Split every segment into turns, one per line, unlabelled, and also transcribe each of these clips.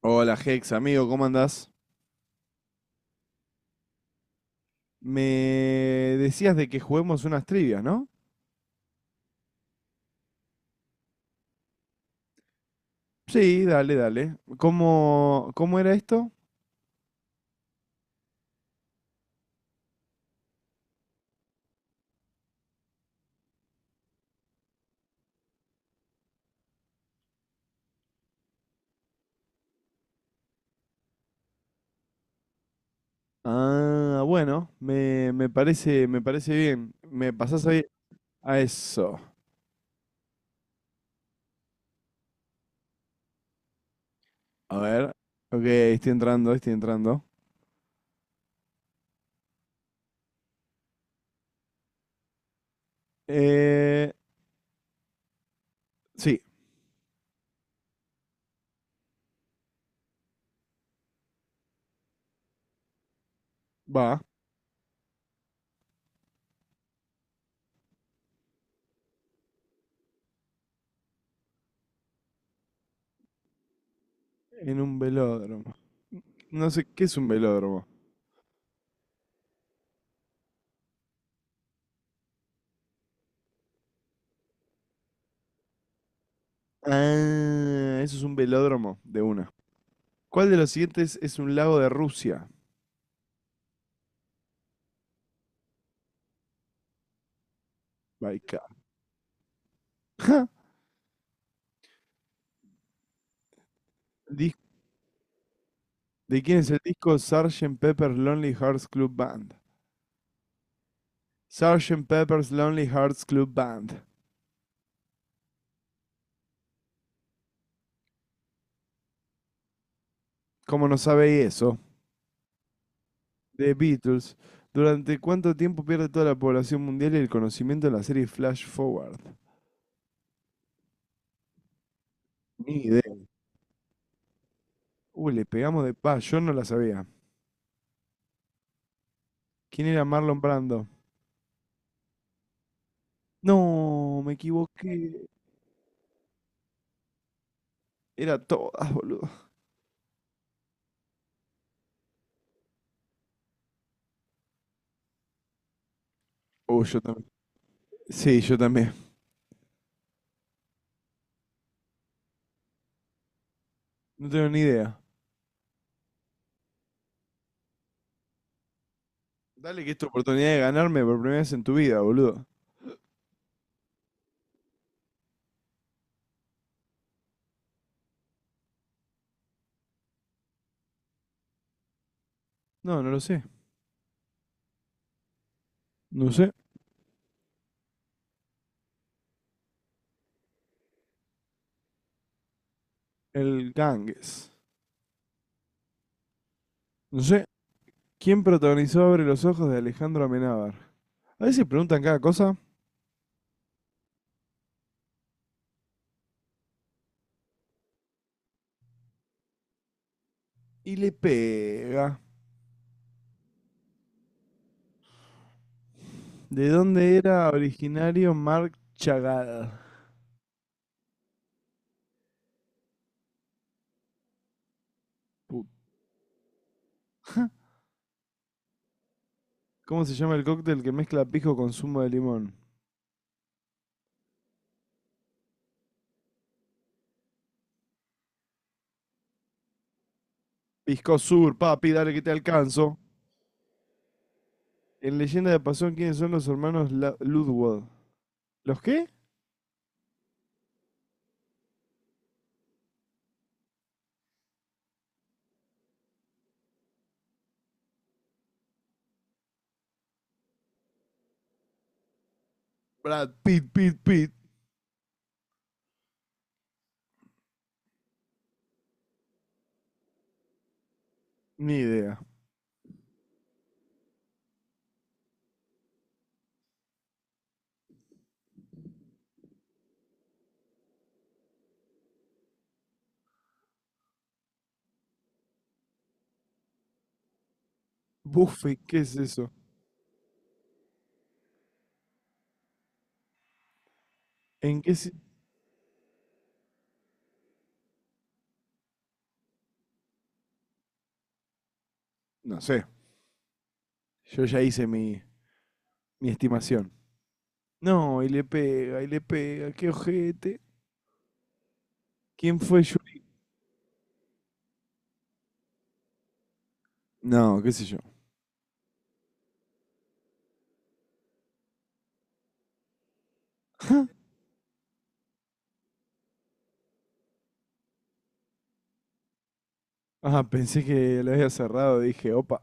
Hola Hex, amigo, ¿cómo andás? Me decías de que juguemos unas trivias, ¿no? Sí, dale, dale. ¿Cómo era esto? Ah, bueno, me parece bien. ¿Me pasás ahí a eso? A ver. Ok, estoy entrando, estoy entrando. Eh, sí, va. En un velódromo. No sé, ¿qué es un velódromo? Ah, eso es un velódromo de una. ¿Cuál de los siguientes es un lago de Rusia? Baikal. ¿De quién es el disco Sergeant Pepper's Lonely Hearts Club Band? Sergeant Pepper's Lonely Hearts Club Band. ¿Cómo no sabéis eso? The Beatles. ¿Durante cuánto tiempo pierde toda la población mundial el conocimiento de la serie Flash Forward? Ni idea. Uy, le pegamos de paz, yo no la sabía. ¿Quién era Marlon Brando? No, me equivoqué. Era todas, boludo. Yo también. Sí, yo también. No tengo ni idea. Dale que es tu oportunidad de ganarme por primera vez en tu vida, boludo. No, no lo sé. No sé. El Ganges. No sé. ¿Quién protagonizó Abre los Ojos de Alejandro Amenábar? A veces preguntan cada cosa y le pega. ¿De dónde era originario Mark Chagall? Put- ¿Cómo se llama el cóctel que mezcla pisco con zumo de limón? Pisco Sur, papi, dale que te alcanzo. En Leyenda de Pasión, ¿quiénes son los hermanos Ludwig? ¿Los qué? Brad Pitt, Pitt, Pitt. Ni idea. Buffy, ¿qué es eso? ¿En qué si- No sé. Yo ya hice mi, mi estimación. No, y le pega, qué ojete. ¿Quién fue Yuri? No, qué sé yo. Ah, pensé que la había cerrado, dije, opa.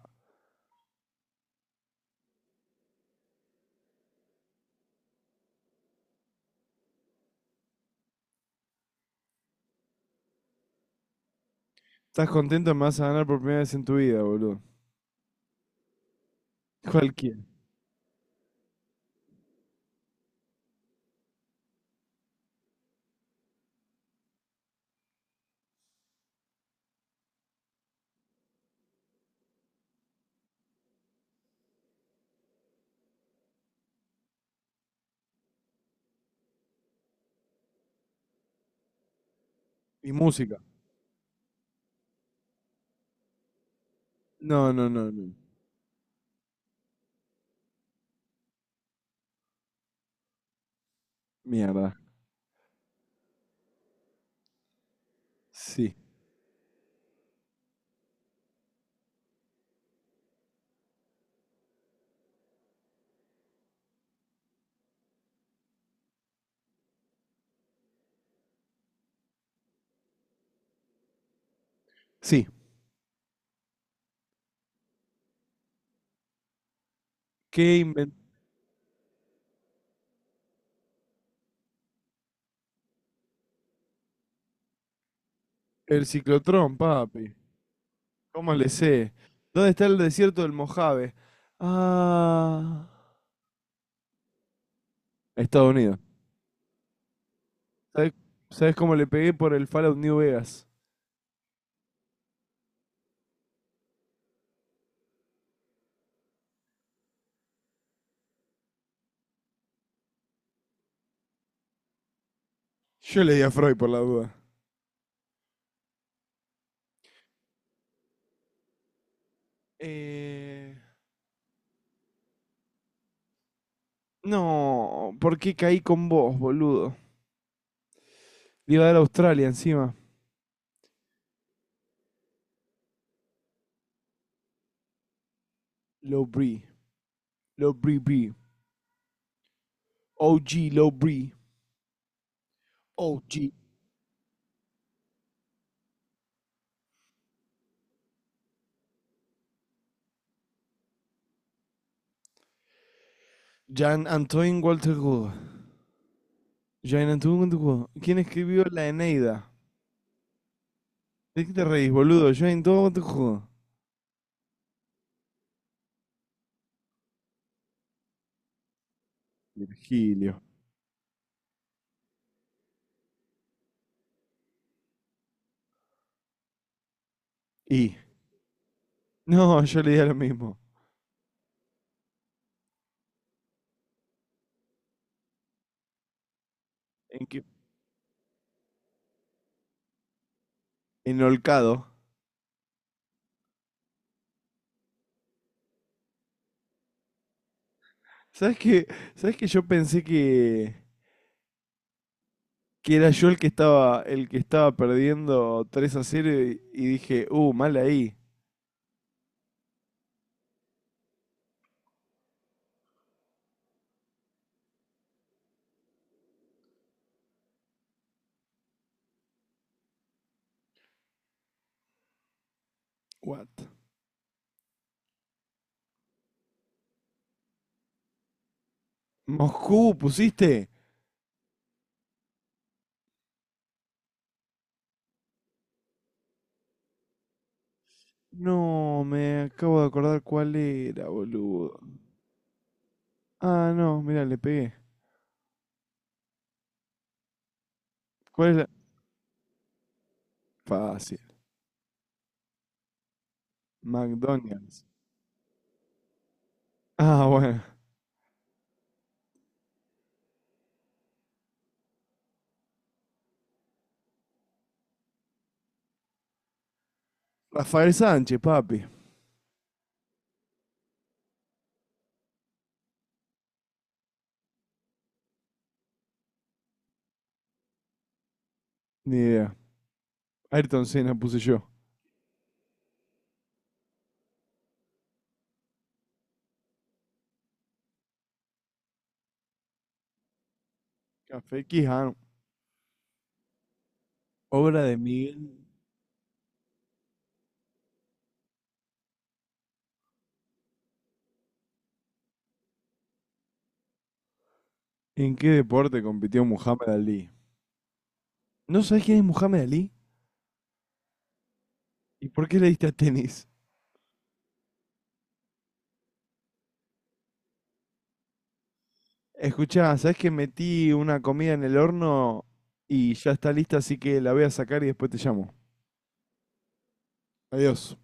¿Estás contento? Me vas a ganar por primera vez en tu vida, boludo. Cualquiera. Y música. No, no, no, no. Mierda. Sí. Sí. ¿Qué inventó? El ciclotrón, papi. ¿Cómo le sé? ¿Dónde está el desierto del Mojave? Ah. Estados Unidos. ¿Sabes sabes cómo le pegué por el Fallout New Vegas? Yo leí a Freud por la duda. Eh, No, ¿por qué caí con vos, boludo? Le iba a dar a Australia encima. Low Bree. Low Bree Bree. OG Low Bree. OG. Jean Antoine Walter Gould. Jean Antoine Walter Gould. ¿Quién escribió la Eneida? ¿De qué te reís, boludo? Jean Antoine Walter Gould. Virgilio. Y. No, yo le di a lo mismo. ¿En qué? En Olcado. ¿Sabes qué? Yo pensé que era yo el que estaba perdiendo 3-0 y dije, mal ahí." What? Moscú, ¿pusiste? No, me acabo de acordar cuál era, boludo. Ah, no, mira, le pegué. ¿Cuál es la...? Fácil. McDonald's. Ah, bueno. Rafael Sánchez, papi. Ni idea. Ayrton Senna puse yo. Café Quijano. Obra de Miguel. ¿En qué deporte compitió Muhammad Ali? ¿No sabés quién es Muhammad Ali? ¿Y por qué le diste a tenis? Escuchá, ¿sabés que metí una comida en el horno y ya está lista, así que la voy a sacar y después te llamo? Adiós.